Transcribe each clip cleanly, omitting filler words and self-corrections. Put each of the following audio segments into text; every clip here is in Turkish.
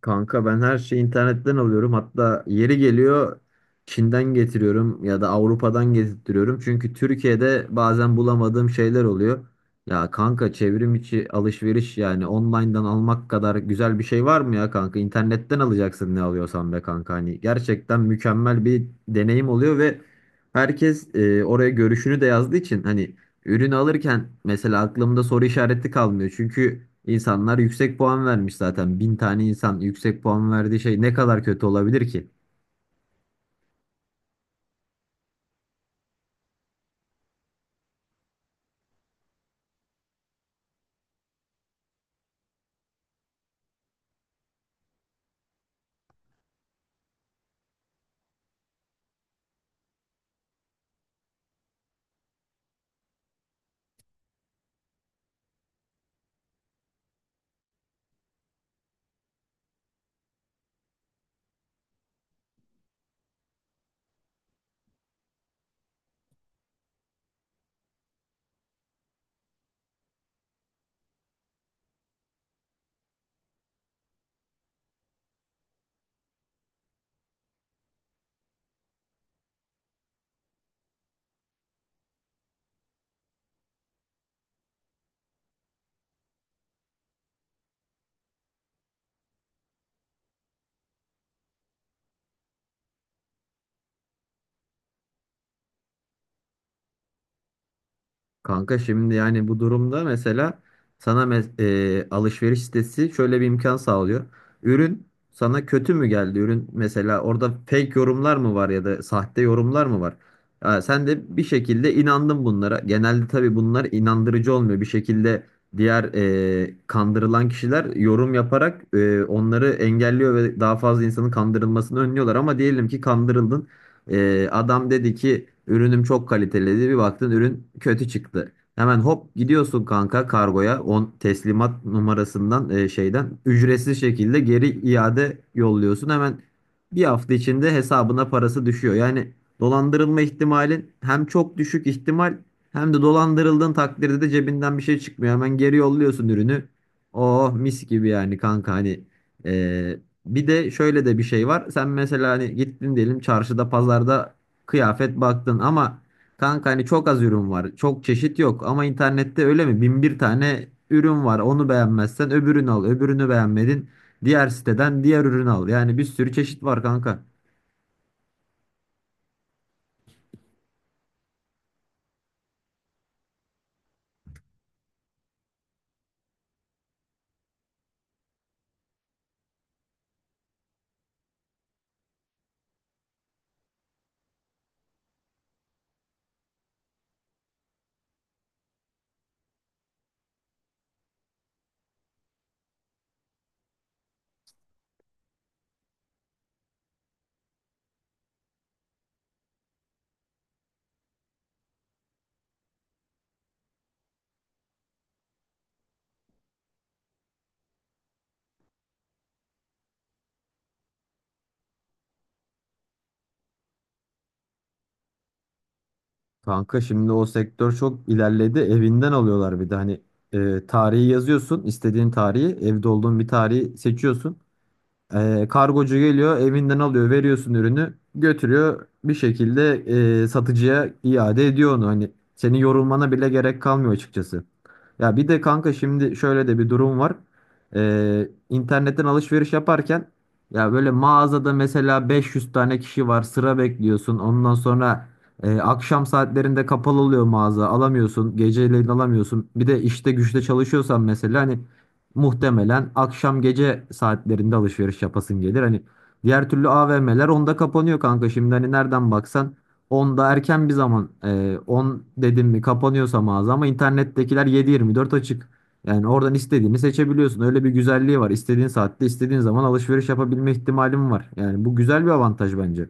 Kanka ben her şeyi internetten alıyorum. Hatta yeri geliyor Çin'den getiriyorum ya da Avrupa'dan getirtiyorum. Çünkü Türkiye'de bazen bulamadığım şeyler oluyor. Ya kanka çevrim içi alışveriş yani online'dan almak kadar güzel bir şey var mı ya kanka? İnternetten alacaksın ne alıyorsan be kanka. Hani gerçekten mükemmel bir deneyim oluyor ve herkes oraya görüşünü de yazdığı için hani ürün alırken mesela aklımda soru işareti kalmıyor. Çünkü insanlar yüksek puan vermiş zaten. Bin tane insan yüksek puan verdiği şey ne kadar kötü olabilir ki? Kanka şimdi yani bu durumda mesela sana alışveriş sitesi şöyle bir imkan sağlıyor. Ürün sana kötü mü geldi? Ürün mesela orada fake yorumlar mı var ya da sahte yorumlar mı var? Ha, sen de bir şekilde inandın bunlara. Genelde tabii bunlar inandırıcı olmuyor. Bir şekilde diğer kandırılan kişiler yorum yaparak onları engelliyor ve daha fazla insanın kandırılmasını önlüyorlar. Ama diyelim ki kandırıldın. Adam dedi ki ürünüm çok kaliteli dedi. Bir baktın ürün kötü çıktı. Hemen hop gidiyorsun kanka kargoya on teslimat numarasından şeyden ücretsiz şekilde geri iade yolluyorsun. Hemen bir hafta içinde hesabına parası düşüyor. Yani dolandırılma ihtimalin hem çok düşük ihtimal hem de dolandırıldığın takdirde de cebinden bir şey çıkmıyor. Hemen geri yolluyorsun ürünü. Oh mis gibi yani kanka hani bir de şöyle de bir şey var. Sen mesela hani gittin diyelim çarşıda, pazarda kıyafet baktın ama kanka hani çok az ürün var. Çok çeşit yok ama internette öyle mi? Bin bir tane ürün var. Onu beğenmezsen öbürünü al. Öbürünü beğenmedin. Diğer siteden diğer ürün al. Yani bir sürü çeşit var kanka. Kanka şimdi o sektör çok ilerledi. Evinden alıyorlar bir de hani tarihi yazıyorsun. İstediğin tarihi, evde olduğun bir tarihi seçiyorsun. Kargocu geliyor, evinden alıyor, veriyorsun ürünü, götürüyor bir şekilde satıcıya iade ediyor onu. Hani senin yorulmana bile gerek kalmıyor açıkçası. Ya bir de kanka şimdi şöyle de bir durum var. İnternetten alışveriş yaparken ya böyle mağazada mesela 500 tane kişi var, sıra bekliyorsun. Ondan sonra akşam saatlerinde kapalı oluyor mağaza, alamıyorsun, geceleyin alamıyorsun. Bir de işte güçte çalışıyorsan mesela hani muhtemelen akşam gece saatlerinde alışveriş yapasın gelir. Hani diğer türlü AVM'ler onda kapanıyor kanka. Şimdi hani nereden baksan onda erken bir zaman 10 dedim mi kapanıyorsa mağaza ama internettekiler 7-24 açık. Yani oradan istediğini seçebiliyorsun. Öyle bir güzelliği var. İstediğin saatte istediğin zaman alışveriş yapabilme ihtimalim var. Yani bu güzel bir avantaj bence.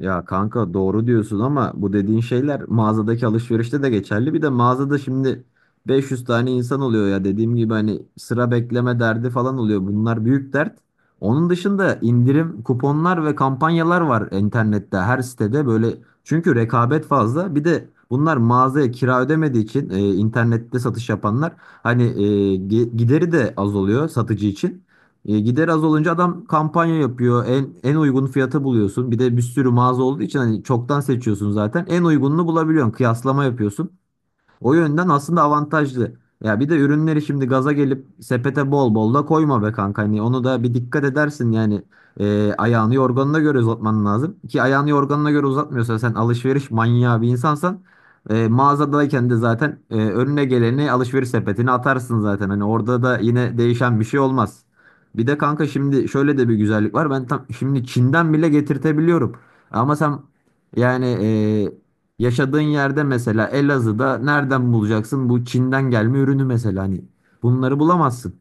Ya kanka doğru diyorsun ama bu dediğin şeyler mağazadaki alışverişte de geçerli. Bir de mağazada şimdi 500 tane insan oluyor ya dediğim gibi hani sıra bekleme derdi falan oluyor. Bunlar büyük dert. Onun dışında indirim, kuponlar ve kampanyalar var internette her sitede böyle. Çünkü rekabet fazla. Bir de bunlar mağazaya kira ödemediği için internette satış yapanlar hani gideri de az oluyor satıcı için. E, gider az olunca adam kampanya yapıyor. En uygun fiyata buluyorsun. Bir de bir sürü mağaza olduğu için hani çoktan seçiyorsun zaten. En uygununu bulabiliyorsun. Kıyaslama yapıyorsun. O yönden aslında avantajlı. Ya bir de ürünleri şimdi gaza gelip sepete bol bol da koyma be kanka. Hani onu da bir dikkat edersin yani. Ayağını yorganına göre uzatman lazım. Ki ayağını yorganına göre uzatmıyorsan sen alışveriş manyağı bir insansan mağazadayken de zaten önüne geleni alışveriş sepetine atarsın zaten. Hani orada da yine değişen bir şey olmaz. Bir de kanka şimdi şöyle de bir güzellik var. Ben tam şimdi Çin'den bile getirtebiliyorum. Ama sen yani e, yaşadığın yerde mesela Elazığ'da nereden bulacaksın bu Çin'den gelme ürünü mesela hani bunları bulamazsın.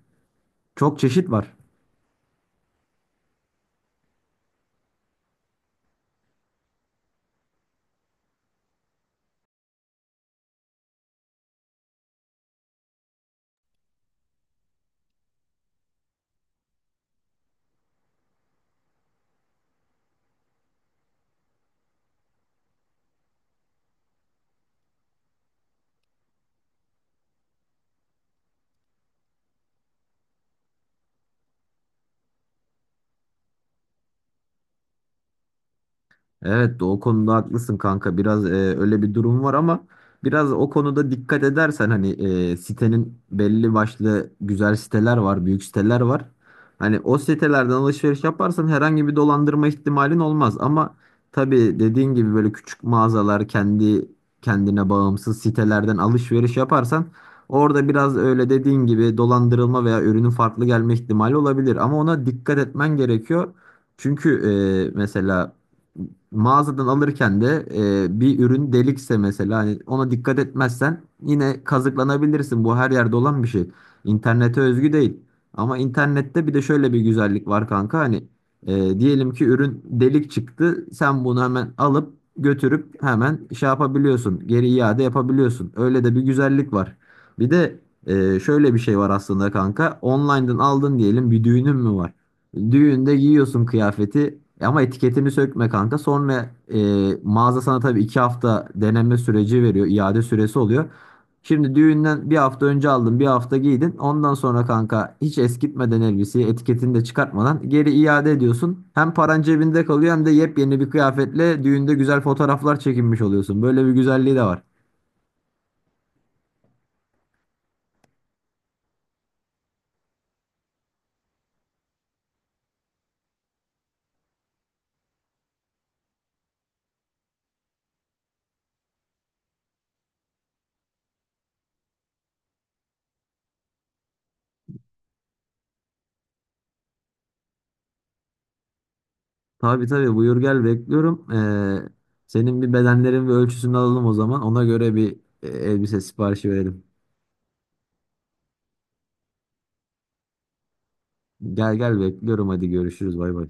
Çok çeşit var. Evet o konuda haklısın kanka. Biraz öyle bir durum var ama biraz o konuda dikkat edersen hani sitenin belli başlı güzel siteler var, büyük siteler var. Hani o sitelerden alışveriş yaparsan herhangi bir dolandırma ihtimalin olmaz ama tabii dediğin gibi böyle küçük mağazalar, kendi kendine bağımsız sitelerden alışveriş yaparsan orada biraz öyle dediğin gibi dolandırılma veya ürünün farklı gelme ihtimali olabilir ama ona dikkat etmen gerekiyor. Çünkü mesela mağazadan alırken de bir ürün delikse mesela hani ona dikkat etmezsen yine kazıklanabilirsin. Bu her yerde olan bir şey. İnternete özgü değil. Ama internette bir de şöyle bir güzellik var kanka hani diyelim ki ürün delik çıktı. Sen bunu hemen alıp götürüp hemen şey yapabiliyorsun. Geri iade yapabiliyorsun. Öyle de bir güzellik var. Bir de şöyle bir şey var aslında kanka. Online'dan aldın diyelim bir düğünün mü var? Düğünde giyiyorsun kıyafeti ama etiketini sökme kanka. Sonra mağaza sana tabii 2 hafta deneme süreci veriyor. İade süresi oluyor. Şimdi düğünden bir hafta önce aldın bir hafta giydin. Ondan sonra kanka hiç eskitmeden elbiseyi etiketini de çıkartmadan geri iade ediyorsun. Hem paran cebinde kalıyor hem de yepyeni bir kıyafetle düğünde güzel fotoğraflar çekinmiş oluyorsun. Böyle bir güzelliği de var. Tabii tabii buyur gel bekliyorum. Senin bir bedenlerin ve ölçüsünü alalım o zaman. Ona göre bir elbise siparişi verelim. Gel gel bekliyorum, hadi görüşürüz, bay bay.